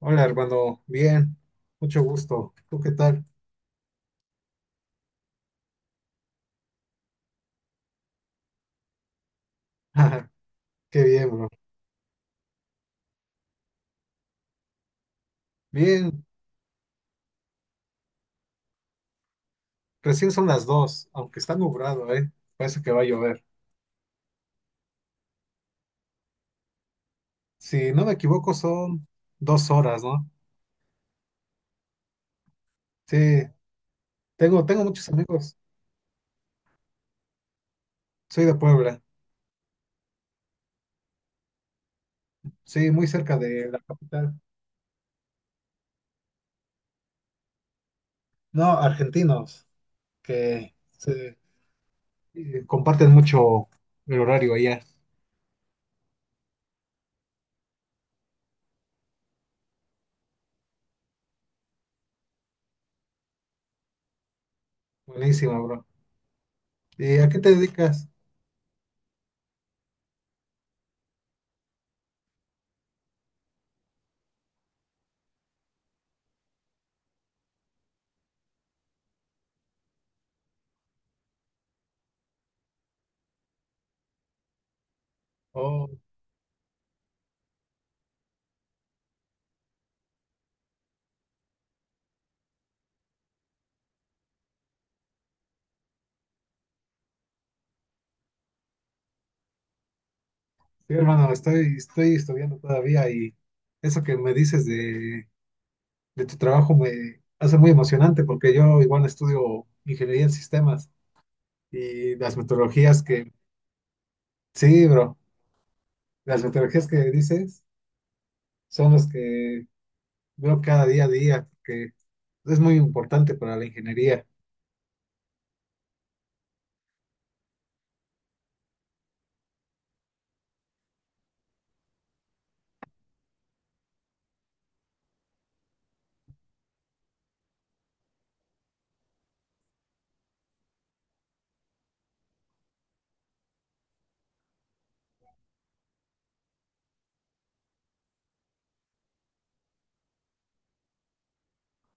Hola, hermano. Bien, mucho gusto. ¿Tú qué tal? Qué bien, bro. Bien, recién son las 2, aunque está nublado, ¿eh? Parece que va a llover. Si no me equivoco, son 2 horas, ¿no? Sí, tengo muchos amigos. Soy de Puebla. Sí, muy cerca de la capital. No, argentinos, que se- comparten mucho el horario allá. Buenísima, bro. ¿Y a qué te dedicas? Oh. Sí, hermano, estoy estudiando todavía y eso que me dices de tu trabajo me hace muy emocionante porque yo igual estudio ingeniería en sistemas y las metodologías que, sí, bro, las metodologías que dices son las que veo cada día a día, que es muy importante para la ingeniería.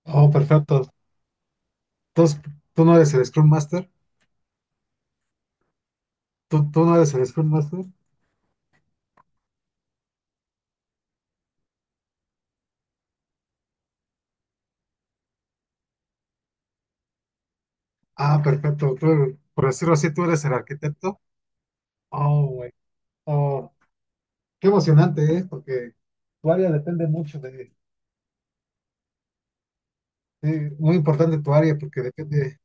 Oh, perfecto. Entonces, ¿tú no eres el Scrum Master? ¿Tú no eres el Scrum Master? Ah, perfecto. Tú, por decirlo así, tú eres el arquitecto. Oh, güey. Oh. Qué emocionante es, porque tu área depende mucho de, sí, muy importante tu área, porque depende,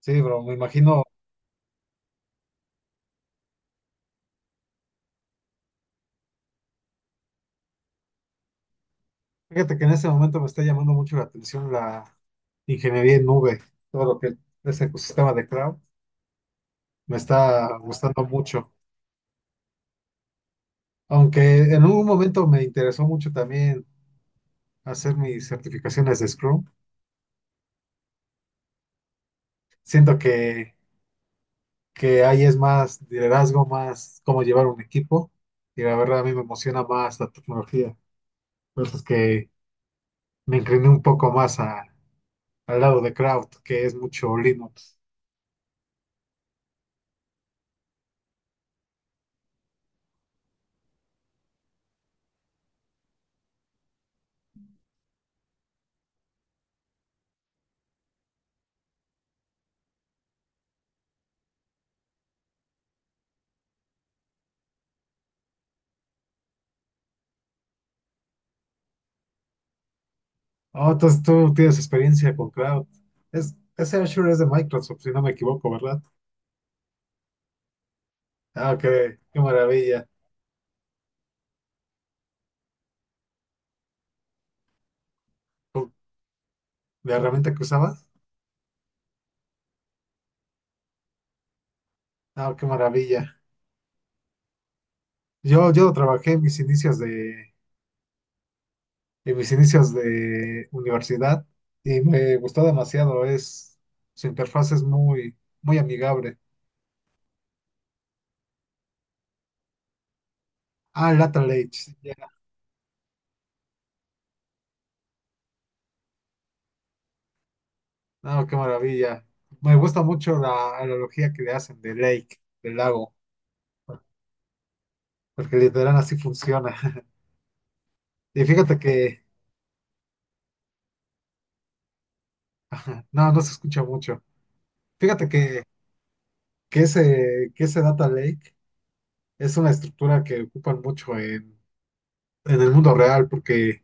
sí, bro, me imagino, fíjate que en ese momento me está llamando mucho la atención la ingeniería en nube, todo lo que es el ecosistema de cloud, me está gustando mucho, aunque en un momento me interesó mucho también hacer mis certificaciones de Scrum, siento que ahí es más liderazgo, más cómo llevar un equipo, y la verdad a mí me emociona más la tecnología, entonces que me incliné un poco más a- al lado de Cloud, que es mucho Linux. Oh, entonces tú tienes experiencia con Cloud. Es, ese Azure es de Microsoft, si no me equivoco, ¿verdad? Ah, qué, qué maravilla. ¿La herramienta que usabas? Ah, qué maravilla. Yo trabajé en mis inicios de, en mis inicios de universidad y me gustó demasiado. Es, su interfaz es muy, muy amigable. Ah, Lateral Edge. No, qué maravilla. Me gusta mucho la analogía que le hacen de lake, del lago, porque literal así funciona. Y fíjate que, no, no se escucha mucho. Fíjate que, que ese data lake es una estructura que ocupan mucho en el mundo real, porque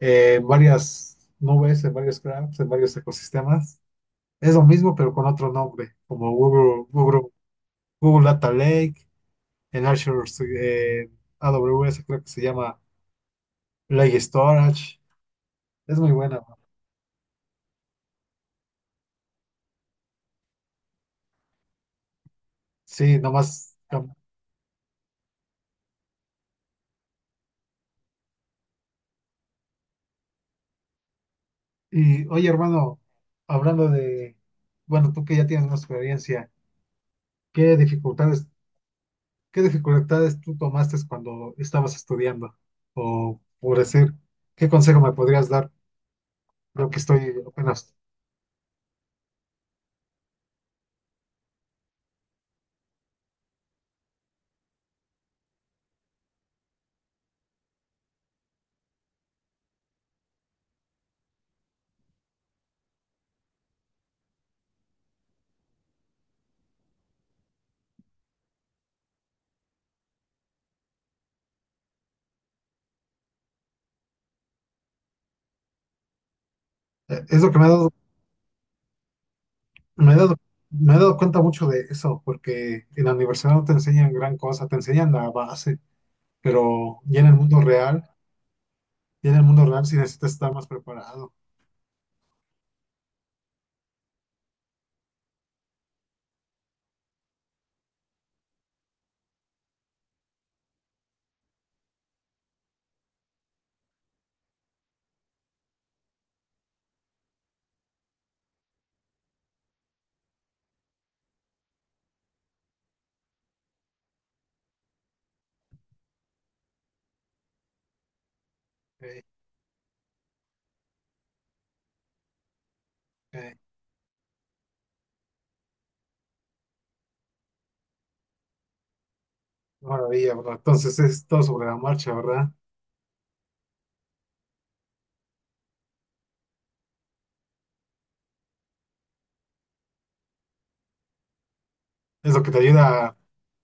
en varias nubes, en varios graphs, en varios ecosistemas, es lo mismo, pero con otro nombre, como Google, Google Data Lake, en Azure, eh, AWS creo que se llama. Play Storage. Es muy buena, bro. Sí, nomás. Y oye, hermano, hablando de, bueno, tú que ya tienes más experiencia, ¿qué dificultades, qué dificultades tú tomaste cuando estabas estudiando? O por decir, ¿qué consejo me podrías dar? Lo que estoy apenas. Es lo que me he dado, me he dado cuenta mucho de eso, porque en la universidad no te enseñan gran cosa, te enseñan la base, pero ya en el mundo real, ya en el mundo real sí necesitas estar más preparado. eh, eh, Maravilla, bro. Entonces es todo sobre la marcha, ¿verdad? Es lo que te ayuda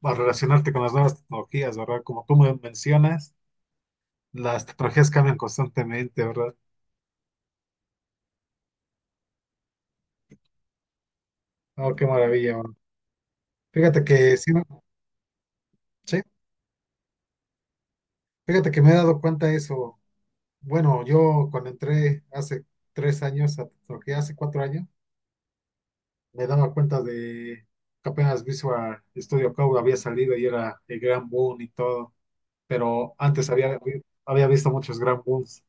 a relacionarte con las nuevas tecnologías, ¿verdad? Como tú me mencionas, las tecnologías cambian constantemente, ¿verdad? Oh, qué maravilla, bro. Fíjate que sí, me- Sí, fíjate que me he dado cuenta de eso. Bueno, yo cuando entré hace tres años a tecnología, hace 4 años, me daba cuenta de que apenas Visual Studio Code había salido y era el gran boom y todo. Pero antes había, había visto muchos gran booms.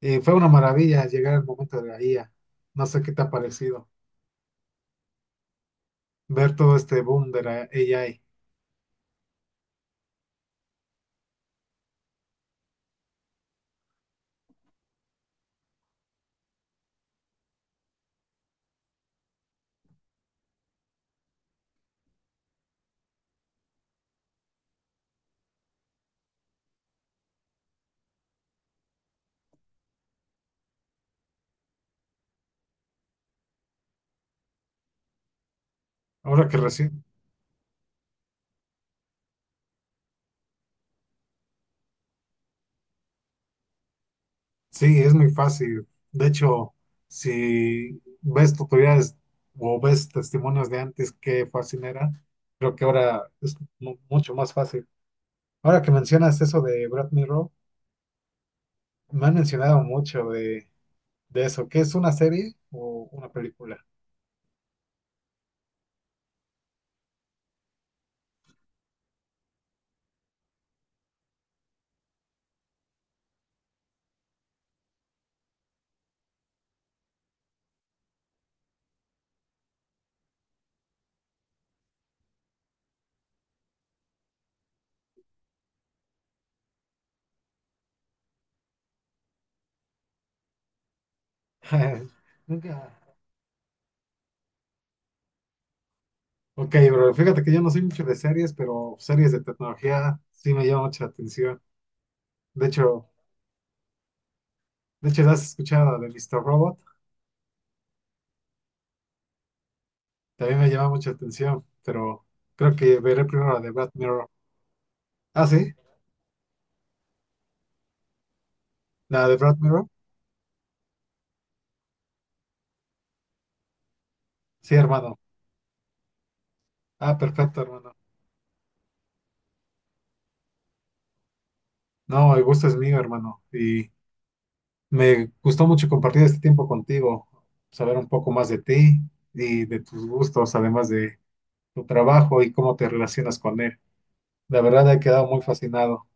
Y fue una maravilla llegar al momento de la IA. No sé qué te ha parecido ver todo este boom de la AI. Ahora que recién, sí, es muy fácil. De hecho, si ves tutoriales o ves testimonios de antes, qué fácil era, creo que ahora es mucho más fácil. Ahora que mencionas eso de Brad Mirror, me han mencionado mucho de eso. ¿Qué es una serie o una película? Nunca. Ok, bro, fíjate que yo no soy mucho de series, pero series de tecnología sí me llama mucha atención. De hecho, de hecho, ¿has escuchado de Mr. Robot? También me llama mucha atención, pero creo que veré primero la de Brad Mirror. Ah, sí, la de Brad Mirror. Sí, hermano. Ah, perfecto, hermano. No, el gusto es mío, hermano. Y me gustó mucho compartir este tiempo contigo, saber un poco más de ti y de tus gustos, además de tu trabajo y cómo te relacionas con él. La verdad, he quedado muy fascinado.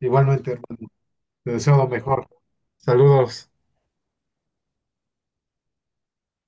Igualmente, hermano. Te deseo lo mejor. Saludos.